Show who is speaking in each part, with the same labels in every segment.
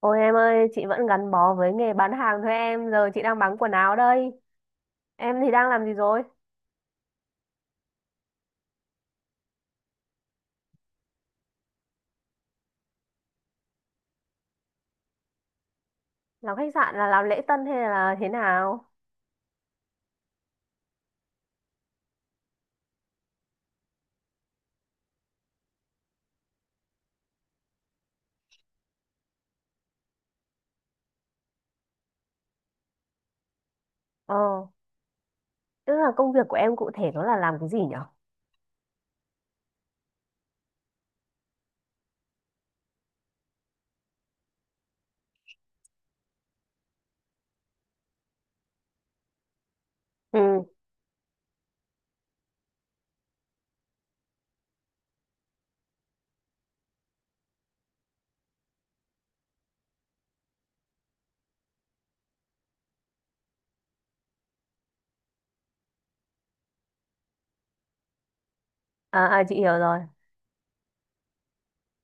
Speaker 1: Ôi em ơi, chị vẫn gắn bó với nghề bán hàng thôi em, giờ chị đang bán quần áo đây. Em thì đang làm gì rồi? Làm khách sạn là làm lễ tân hay là thế nào? Ờ, tức là công việc của em cụ thể nó là làm cái gì nhở? Ừ, à, à chị hiểu rồi.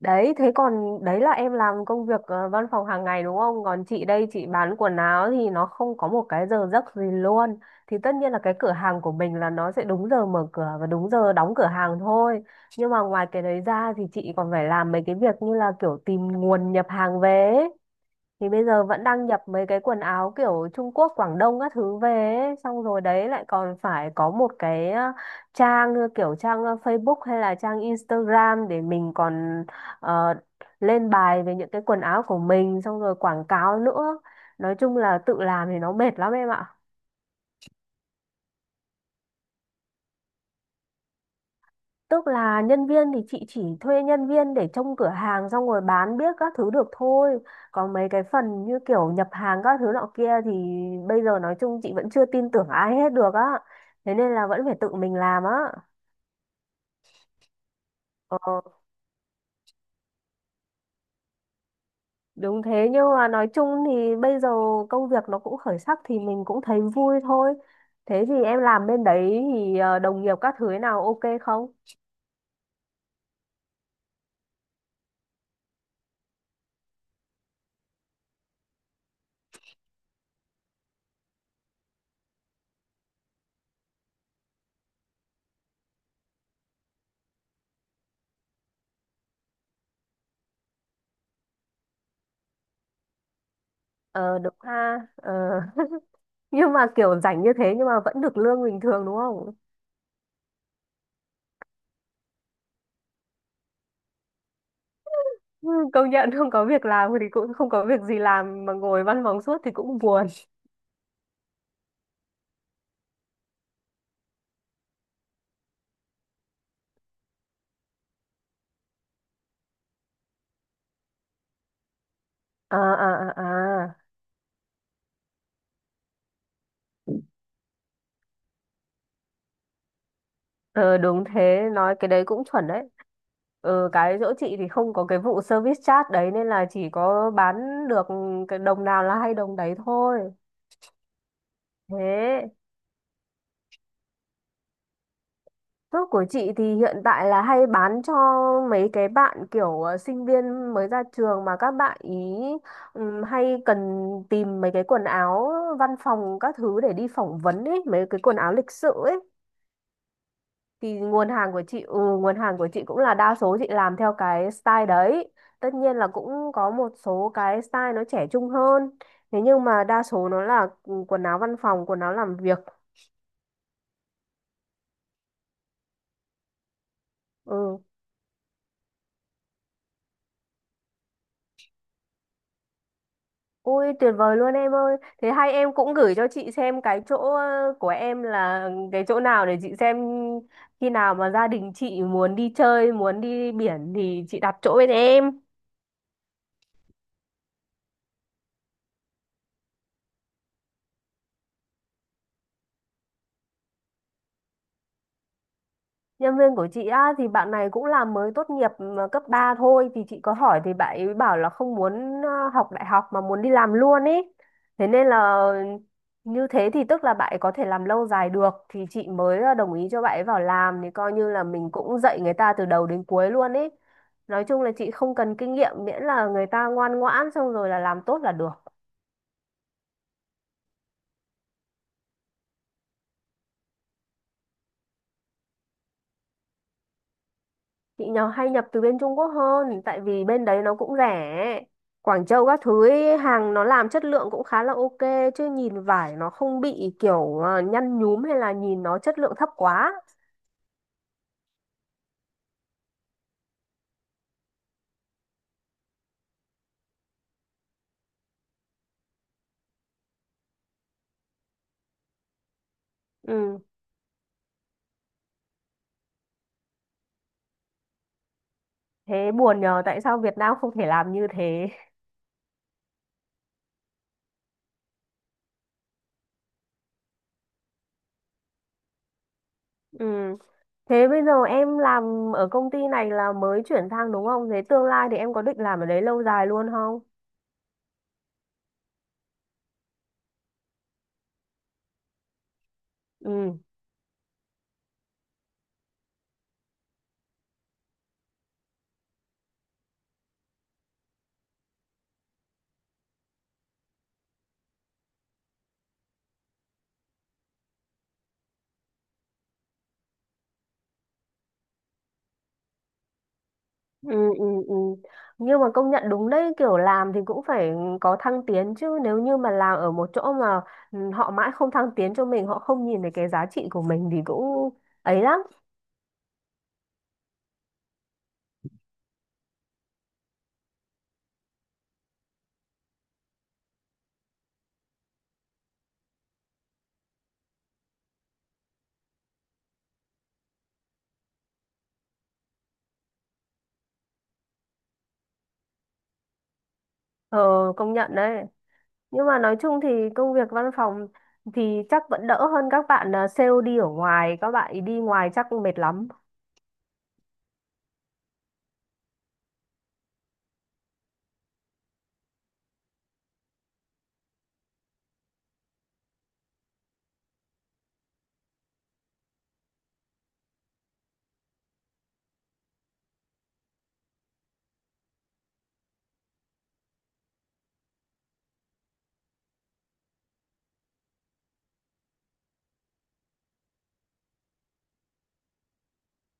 Speaker 1: Đấy, thế còn đấy là em làm công việc văn phòng hàng ngày đúng không? Còn chị đây chị bán quần áo thì nó không có một cái giờ giấc gì luôn. Thì tất nhiên là cái cửa hàng của mình là nó sẽ đúng giờ mở cửa và đúng giờ đóng cửa hàng thôi. Nhưng mà ngoài cái đấy ra thì chị còn phải làm mấy cái việc như là kiểu tìm nguồn nhập hàng về ấy thì bây giờ vẫn đang nhập mấy cái quần áo kiểu Trung Quốc, Quảng Đông các thứ về ấy. Xong rồi đấy lại còn phải có một cái trang như kiểu trang Facebook hay là trang Instagram để mình còn ờ, lên bài về những cái quần áo của mình xong rồi quảng cáo nữa. Nói chung là tự làm thì nó mệt lắm em ạ. Tức là nhân viên thì chị chỉ thuê nhân viên để trông cửa hàng xong rồi bán biết các thứ được thôi. Còn mấy cái phần như kiểu nhập hàng các thứ nọ kia thì bây giờ nói chung chị vẫn chưa tin tưởng ai hết được á. Thế nên là vẫn phải tự mình làm á. Ờ, đúng thế nhưng mà nói chung thì bây giờ công việc nó cũng khởi sắc thì mình cũng thấy vui thôi. Thế thì em làm bên đấy thì đồng nghiệp các thứ thế nào ok không? Ờ đúng ha. Ờ. Nhưng mà kiểu rảnh như thế nhưng mà vẫn được lương bình thường đúng không? Ừ, công nhận không có việc làm thì cũng không có việc gì làm mà ngồi văn phòng suốt thì cũng buồn. À, à, à, à, ờ, đúng thế nói cái đấy cũng chuẩn đấy. Cái chỗ chị thì không có cái vụ service charge đấy nên là chỉ có bán được cái đồng nào là hay đồng đấy thôi. Thế Thuốc của chị thì hiện tại là hay bán cho mấy cái bạn kiểu sinh viên mới ra trường mà các bạn ý hay cần tìm mấy cái quần áo văn phòng các thứ để đi phỏng vấn ấy, mấy cái quần áo lịch sự ấy. Thì nguồn hàng của chị, ừ, nguồn hàng của chị cũng là đa số chị làm theo cái style đấy. Tất nhiên là cũng có một số cái style nó trẻ trung hơn. Thế nhưng mà đa số nó là ừ, quần áo văn phòng, quần áo làm việc. Ừ. Ôi tuyệt vời luôn em ơi. Thế hay em cũng gửi cho chị xem cái chỗ của em là cái chỗ nào để chị xem khi nào mà gia đình chị muốn đi chơi, muốn đi biển thì chị đặt chỗ bên em. Nhân viên của chị á, thì bạn này cũng là mới tốt nghiệp mà cấp 3 thôi thì chị có hỏi thì bạn ấy bảo là không muốn học đại học mà muốn đi làm luôn ý. Thế nên là như thế thì tức là bạn ấy có thể làm lâu dài được thì chị mới đồng ý cho bạn ấy vào làm thì coi như là mình cũng dạy người ta từ đầu đến cuối luôn ý. Nói chung là chị không cần kinh nghiệm miễn là người ta ngoan ngoãn xong rồi là làm tốt là được. Chị nhỏ hay nhập từ bên Trung Quốc hơn tại vì bên đấy nó cũng rẻ. Quảng Châu các thứ ấy, hàng nó làm chất lượng cũng khá là ok, chứ nhìn vải nó không bị kiểu nhăn nhúm hay là nhìn nó chất lượng thấp quá. Ừ, thế buồn nhờ tại sao Việt Nam không thể làm như thế. Ừ, thế bây giờ em làm ở công ty này là mới chuyển sang đúng không? Thế tương lai thì em có định làm ở đấy lâu dài luôn không? Ừ. ừ ừ. Ừ, nhưng mà công nhận đúng đấy kiểu làm thì cũng phải có thăng tiến chứ nếu như mà làm ở một chỗ mà ừ, họ mãi không thăng tiến cho mình họ không nhìn thấy cái giá trị của mình thì cũng ấy lắm. Ờ, công nhận đấy. Nhưng mà nói chung thì công việc văn phòng thì chắc vẫn đỡ hơn các bạn à, sale đi ở ngoài các bạn ấy đi ngoài chắc cũng mệt lắm.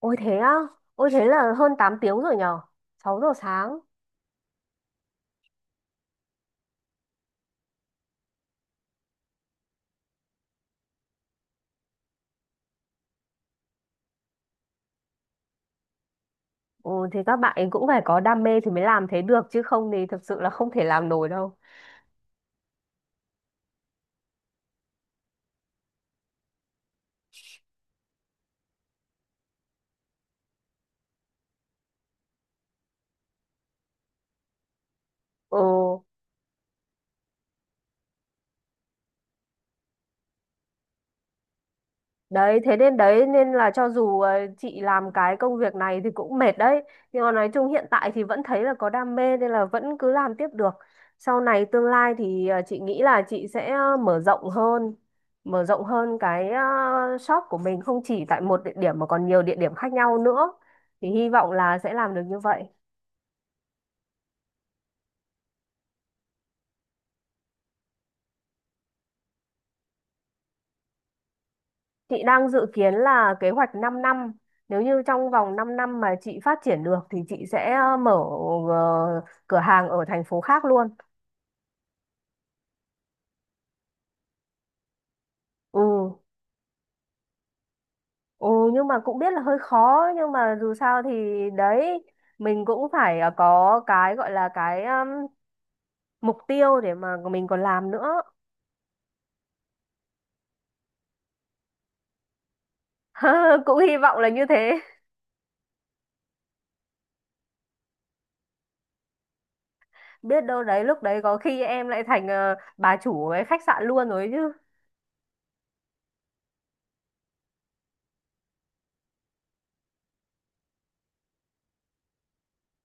Speaker 1: Ôi thế á. Ôi thế là hơn 8 tiếng rồi nhở. Sáu giờ sáng. Ừ, thì các bạn ấy cũng phải có đam mê thì mới làm thế được chứ không thì thật sự là không thể làm nổi đâu. Ừ. Đấy, thế nên đấy nên là cho dù chị làm cái công việc này thì cũng mệt đấy. Nhưng mà nói chung hiện tại thì vẫn thấy là có đam mê nên là vẫn cứ làm tiếp được. Sau này tương lai thì chị nghĩ là chị sẽ mở rộng hơn cái shop của mình không chỉ tại một địa điểm mà còn nhiều địa điểm khác nhau nữa. Thì hy vọng là sẽ làm được như vậy. Chị đang dự kiến là kế hoạch 5 năm. Nếu như trong vòng 5 năm mà chị phát triển được thì chị sẽ mở ờ, cửa hàng ở thành phố khác luôn. Ừ, ừ nhưng mà cũng biết là hơi khó nhưng mà dù sao thì đấy mình cũng phải có cái gọi là cái mục tiêu để mà mình còn làm nữa. Cũng hy vọng là như thế. Biết đâu đấy lúc đấy có khi em lại thành bà chủ cái khách sạn luôn rồi chứ.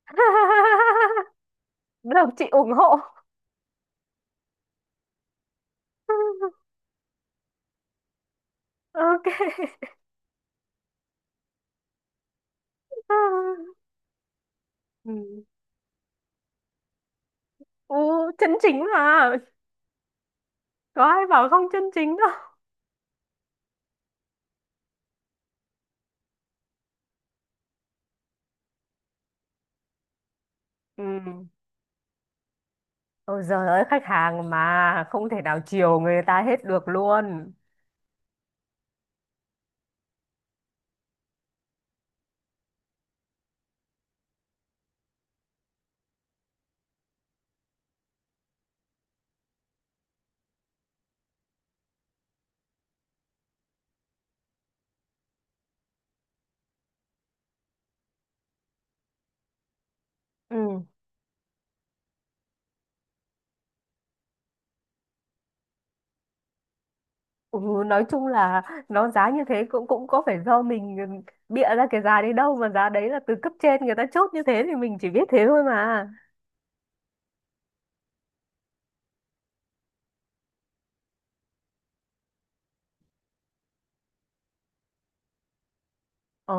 Speaker 1: Được chị ủng hộ. Ok. Ừ. Ừ, chân chính mà, có ai bảo không chân chính đâu. Ừ. Ôi giời ơi khách hàng mà không thể nào chiều người ta hết được luôn. Ừ. Ừ, nói chung là nó giá như thế cũng cũng có phải do mình bịa ra cái giá đấy đâu mà giá đấy là từ cấp trên người ta chốt như thế thì mình chỉ biết thế thôi mà. Ồ,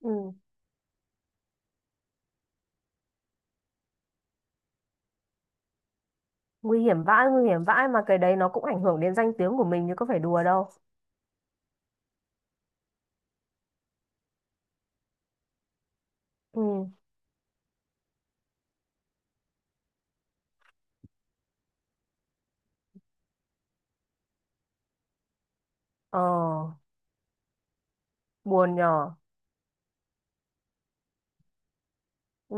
Speaker 1: ừ. Nguy hiểm vãi mà cái đấy nó cũng ảnh hưởng đến danh tiếng của mình chứ có phải đùa đâu. Ừ. Ờ, buồn nhờ. Ừ.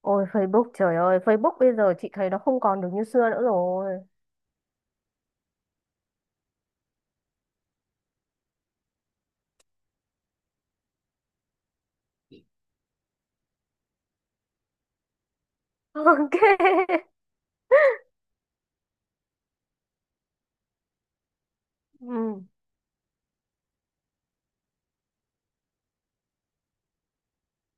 Speaker 1: Ôi Facebook trời ơi, Facebook bây giờ chị thấy nó không còn được như xưa nữa rồi. Ok. Ừ.